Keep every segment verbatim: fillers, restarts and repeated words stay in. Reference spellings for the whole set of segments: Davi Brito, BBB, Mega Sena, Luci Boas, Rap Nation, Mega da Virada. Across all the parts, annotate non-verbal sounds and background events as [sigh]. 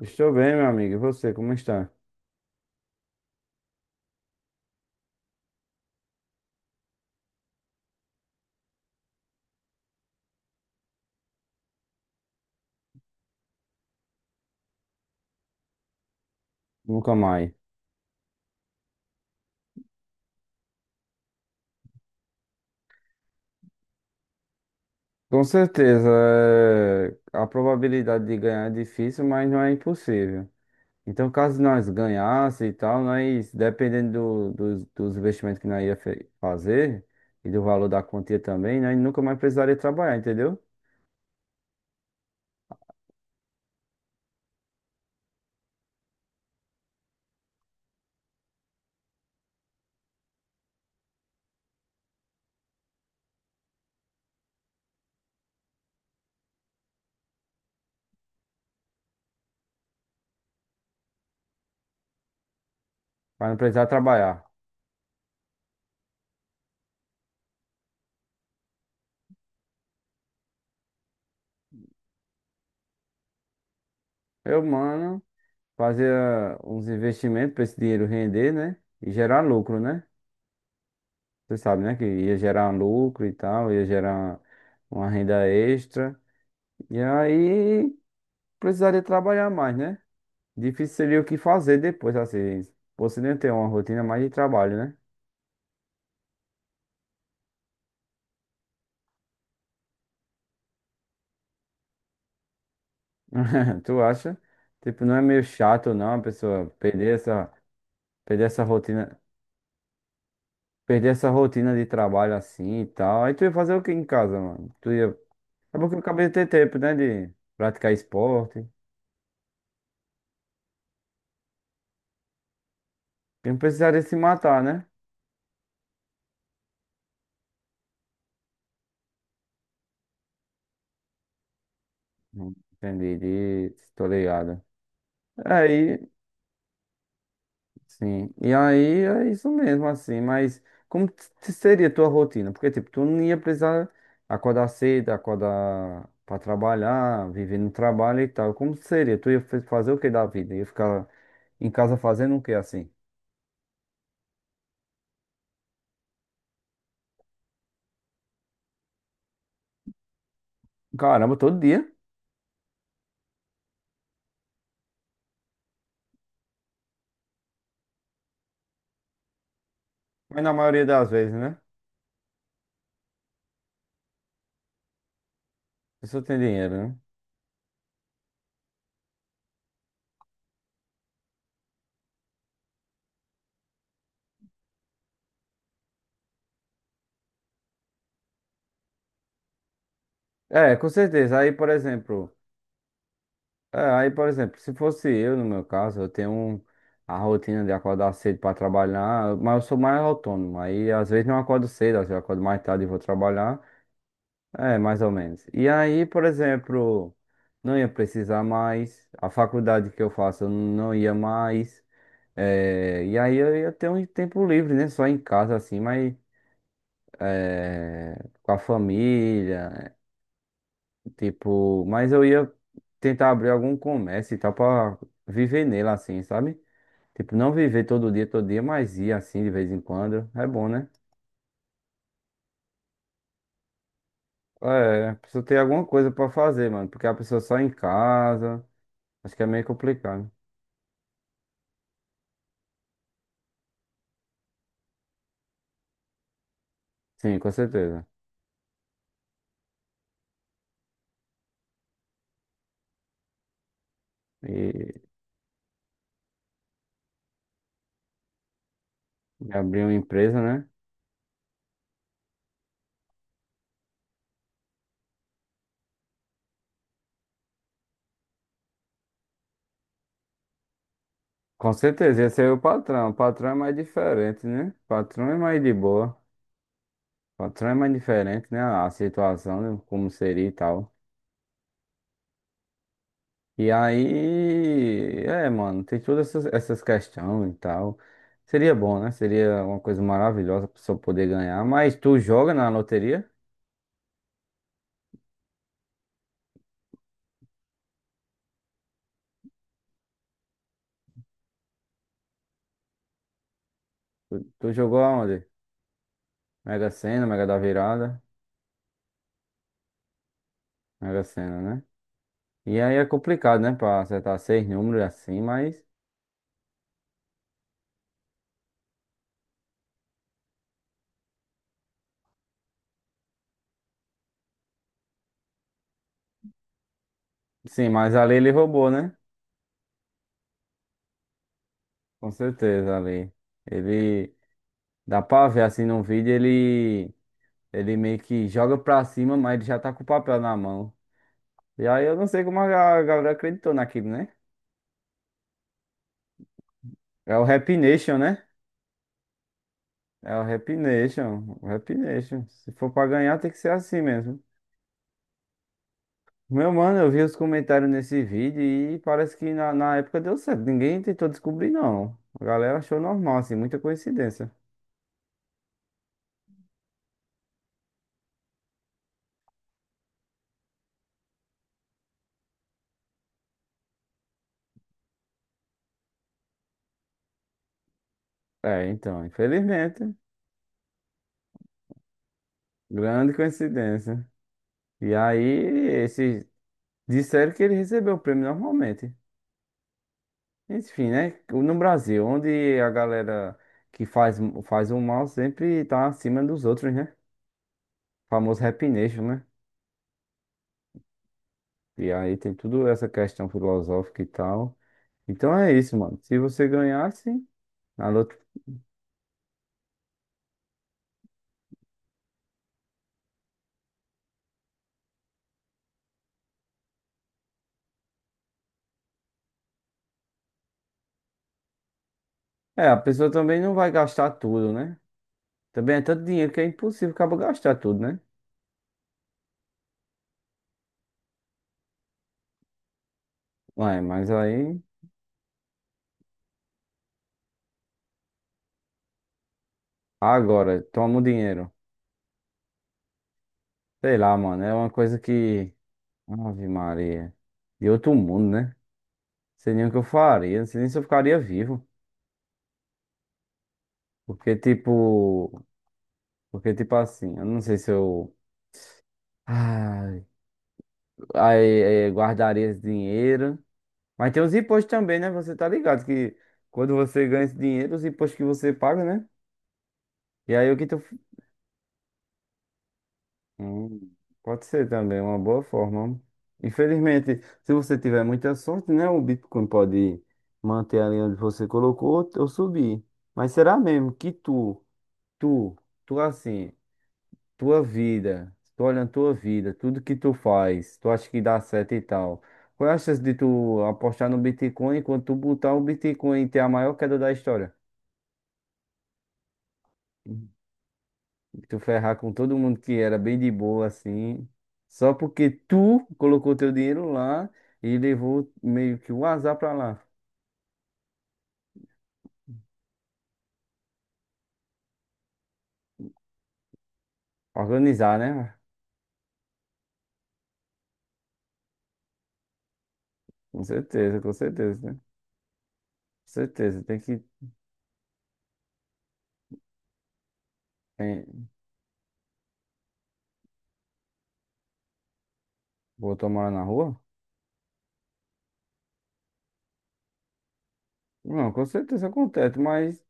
Estou bem, meu amigo. E você, como está? Nunca mais. Com certeza, é, a probabilidade de ganhar é difícil, mas não é impossível. Então, caso nós ganhasse e tal, nós, dependendo do- dos, dos investimentos que nós ia fe- fazer e do valor da quantia também, nós nunca mais precisaria trabalhar, entendeu? Para não precisar trabalhar. Eu, mano, fazia uns investimentos para esse dinheiro render, né? E gerar lucro, né? Você sabe, né? Que ia gerar lucro e tal, ia gerar uma renda extra. E aí precisaria trabalhar mais, né? Difícil seria o que fazer depois, assim. Você nem ter uma rotina mais de trabalho, né? [laughs] Tu acha? Tipo, não é meio chato, não, a pessoa perder essa, perder essa rotina, perder essa rotina de trabalho assim e tal. Aí tu ia fazer o que em casa, mano? Tu ia. É porque eu acabei de ter tempo, né? De praticar esporte. E não precisaria se matar, né? Hum, entendi, de... tô ligado. Aí, sim. E aí é isso mesmo, assim. Mas como t- seria a tua rotina? Porque, tipo, tu não ia precisar acordar cedo, acordar pra trabalhar, viver no trabalho e tal. Como seria? Tu ia fa- fazer o que da vida? Ia ficar em casa fazendo o que assim? Caramba, todo dia. Mas na maioria das vezes, né? A pessoa tem dinheiro, né? É, com certeza. Aí, por exemplo. É, aí, por exemplo, se fosse eu, no meu caso, eu tenho um- a rotina de acordar cedo para trabalhar, mas eu sou mais autônomo. Aí, às vezes, não acordo cedo, às vezes, eu acordo mais tarde e vou trabalhar. É, mais ou menos. E aí, por exemplo, não ia precisar mais. A faculdade que eu faço, eu não ia mais. É, e aí, eu ia ter um tempo livre, né? Só em casa, assim, mas é, com a família. Tipo, mas eu ia tentar abrir algum comércio e tal pra viver nele assim, sabe? Tipo, não viver todo dia, todo dia, mas ir assim de vez em quando. É bom, né? É, precisa ter alguma coisa pra fazer, mano. Porque a pessoa só em casa, acho que é meio complicado. Sim, com certeza. E, e abrir uma empresa, né? Com certeza, ia ser o patrão. O patrão é mais diferente, né? O patrão é mais de boa. O patrão é mais diferente, né? A situação, né? Como seria e tal. E aí, é, mano, tem todas essas, essas questões e tal. Seria bom, né? Seria uma coisa maravilhosa pra pessoa poder ganhar. Mas tu joga na loteria? Tu jogou aonde? Mega Sena, Mega da Virada, Mega Sena, né? E aí é complicado, né? Pra acertar seis números assim, mas. Sim, mas ali ele roubou, né? Com certeza, ali. Ele. Dá pra ver assim num vídeo, ele. Ele meio que joga pra cima, mas ele já tá com o papel na mão. E aí eu não sei como a ga- a galera acreditou naquilo, né? É o Rap Nation, né? É o Rap Nation. O Rap Nation. Se for pra ganhar, tem que ser assim mesmo. Meu mano, eu vi os comentários nesse vídeo e parece que na, na época deu certo. Ninguém tentou descobrir, não. A galera achou normal, assim, muita coincidência. É, então, infelizmente. Grande coincidência. E aí, esse disseram que ele recebeu o prêmio normalmente. Enfim, né? No Brasil, onde a galera que faz, faz o mal sempre tá acima dos outros, né? O famoso Rap Nation, né? E aí tem tudo essa questão filosófica e tal. Então é isso, mano. Se você ganhasse, na loto... É, a pessoa também não vai gastar tudo, né? Também é tanto dinheiro que é impossível acaba gastar tudo, né? Ué, mas aí. Agora, toma o dinheiro. Sei lá, mano. É uma coisa que. Ave Maria. De outro mundo, né? Não sei nem o que eu faria. Não sei nem se eu ficaria vivo. Porque, tipo. Porque, tipo assim, eu não sei se eu. Ai, aí, eh, guardaria esse dinheiro. Mas tem os impostos também, né? Você tá ligado que quando você ganha esse dinheiro, os impostos que você paga, né? E aí o que tu. Hum, pode ser também, uma boa forma. Infelizmente, se você tiver muita sorte, né? O Bitcoin pode manter ali onde você colocou ou subir. Mas será mesmo que tu, tu, tu assim, tua vida, tu olhando tua vida, tudo que tu faz, tu acha que dá certo e tal. Qual é a chance de tu apostar no Bitcoin e quando tu botar o Bitcoin ter a maior queda da história? Tu ferrar com todo mundo que era bem de boa assim, só porque tu colocou teu dinheiro lá e levou meio que o azar pra lá. Organizar, né? Com certeza, com certeza, né? Com certeza. Tem que. Tem... Botou morar na rua? Não, com certeza acontece, mas,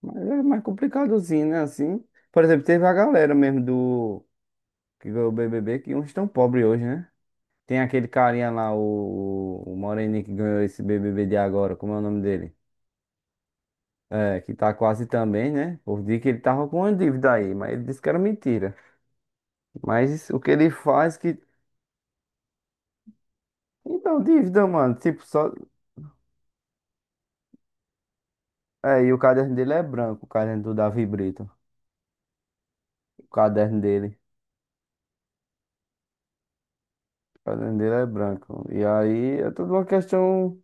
mas é mais complicadozinho, né? Assim. Por exemplo, teve a galera mesmo do. Que ganhou o B B B, que uns estão pobres hoje, né? Tem aquele carinha lá, o, o o Moreninho que ganhou esse B B B de agora, como é o nome dele? É, que tá quase também, né? Por dia que ele tava com uma dívida aí, mas ele disse que era mentira. Mas o que ele faz que. Então, dívida, mano. Tipo, só. É, e o caderno dele é branco, o caderno do Davi Brito. O caderno dele. O caderno dele é branco. E aí é tudo uma questão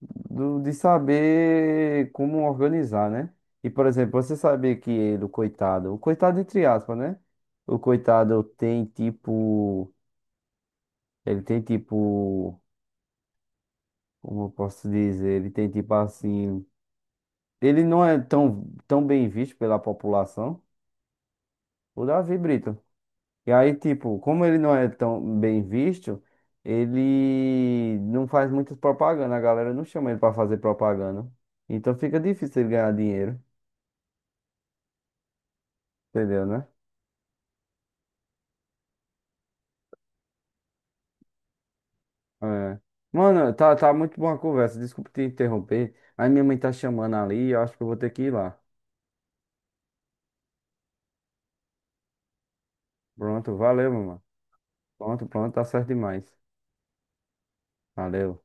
do, de saber como organizar, né? E, por exemplo, você sabia que ele, o coitado. O coitado, entre aspas, né? O coitado tem tipo. Ele tem tipo. Como eu posso dizer, ele tem tipo assim, ele não é tão, tão bem visto pela população, o Davi Brito. E aí, tipo, como ele não é tão bem visto, ele não faz muitas propaganda, a galera não chama ele pra fazer propaganda. Então fica difícil ele ganhar dinheiro, entendeu, né? É. Mano, tá, tá muito boa a conversa, desculpa te interromper. Aí minha mãe tá chamando ali, eu acho que eu vou ter que ir lá. Pronto, valeu, meu mano. Pronto, pronto, tá certo demais. Valeu.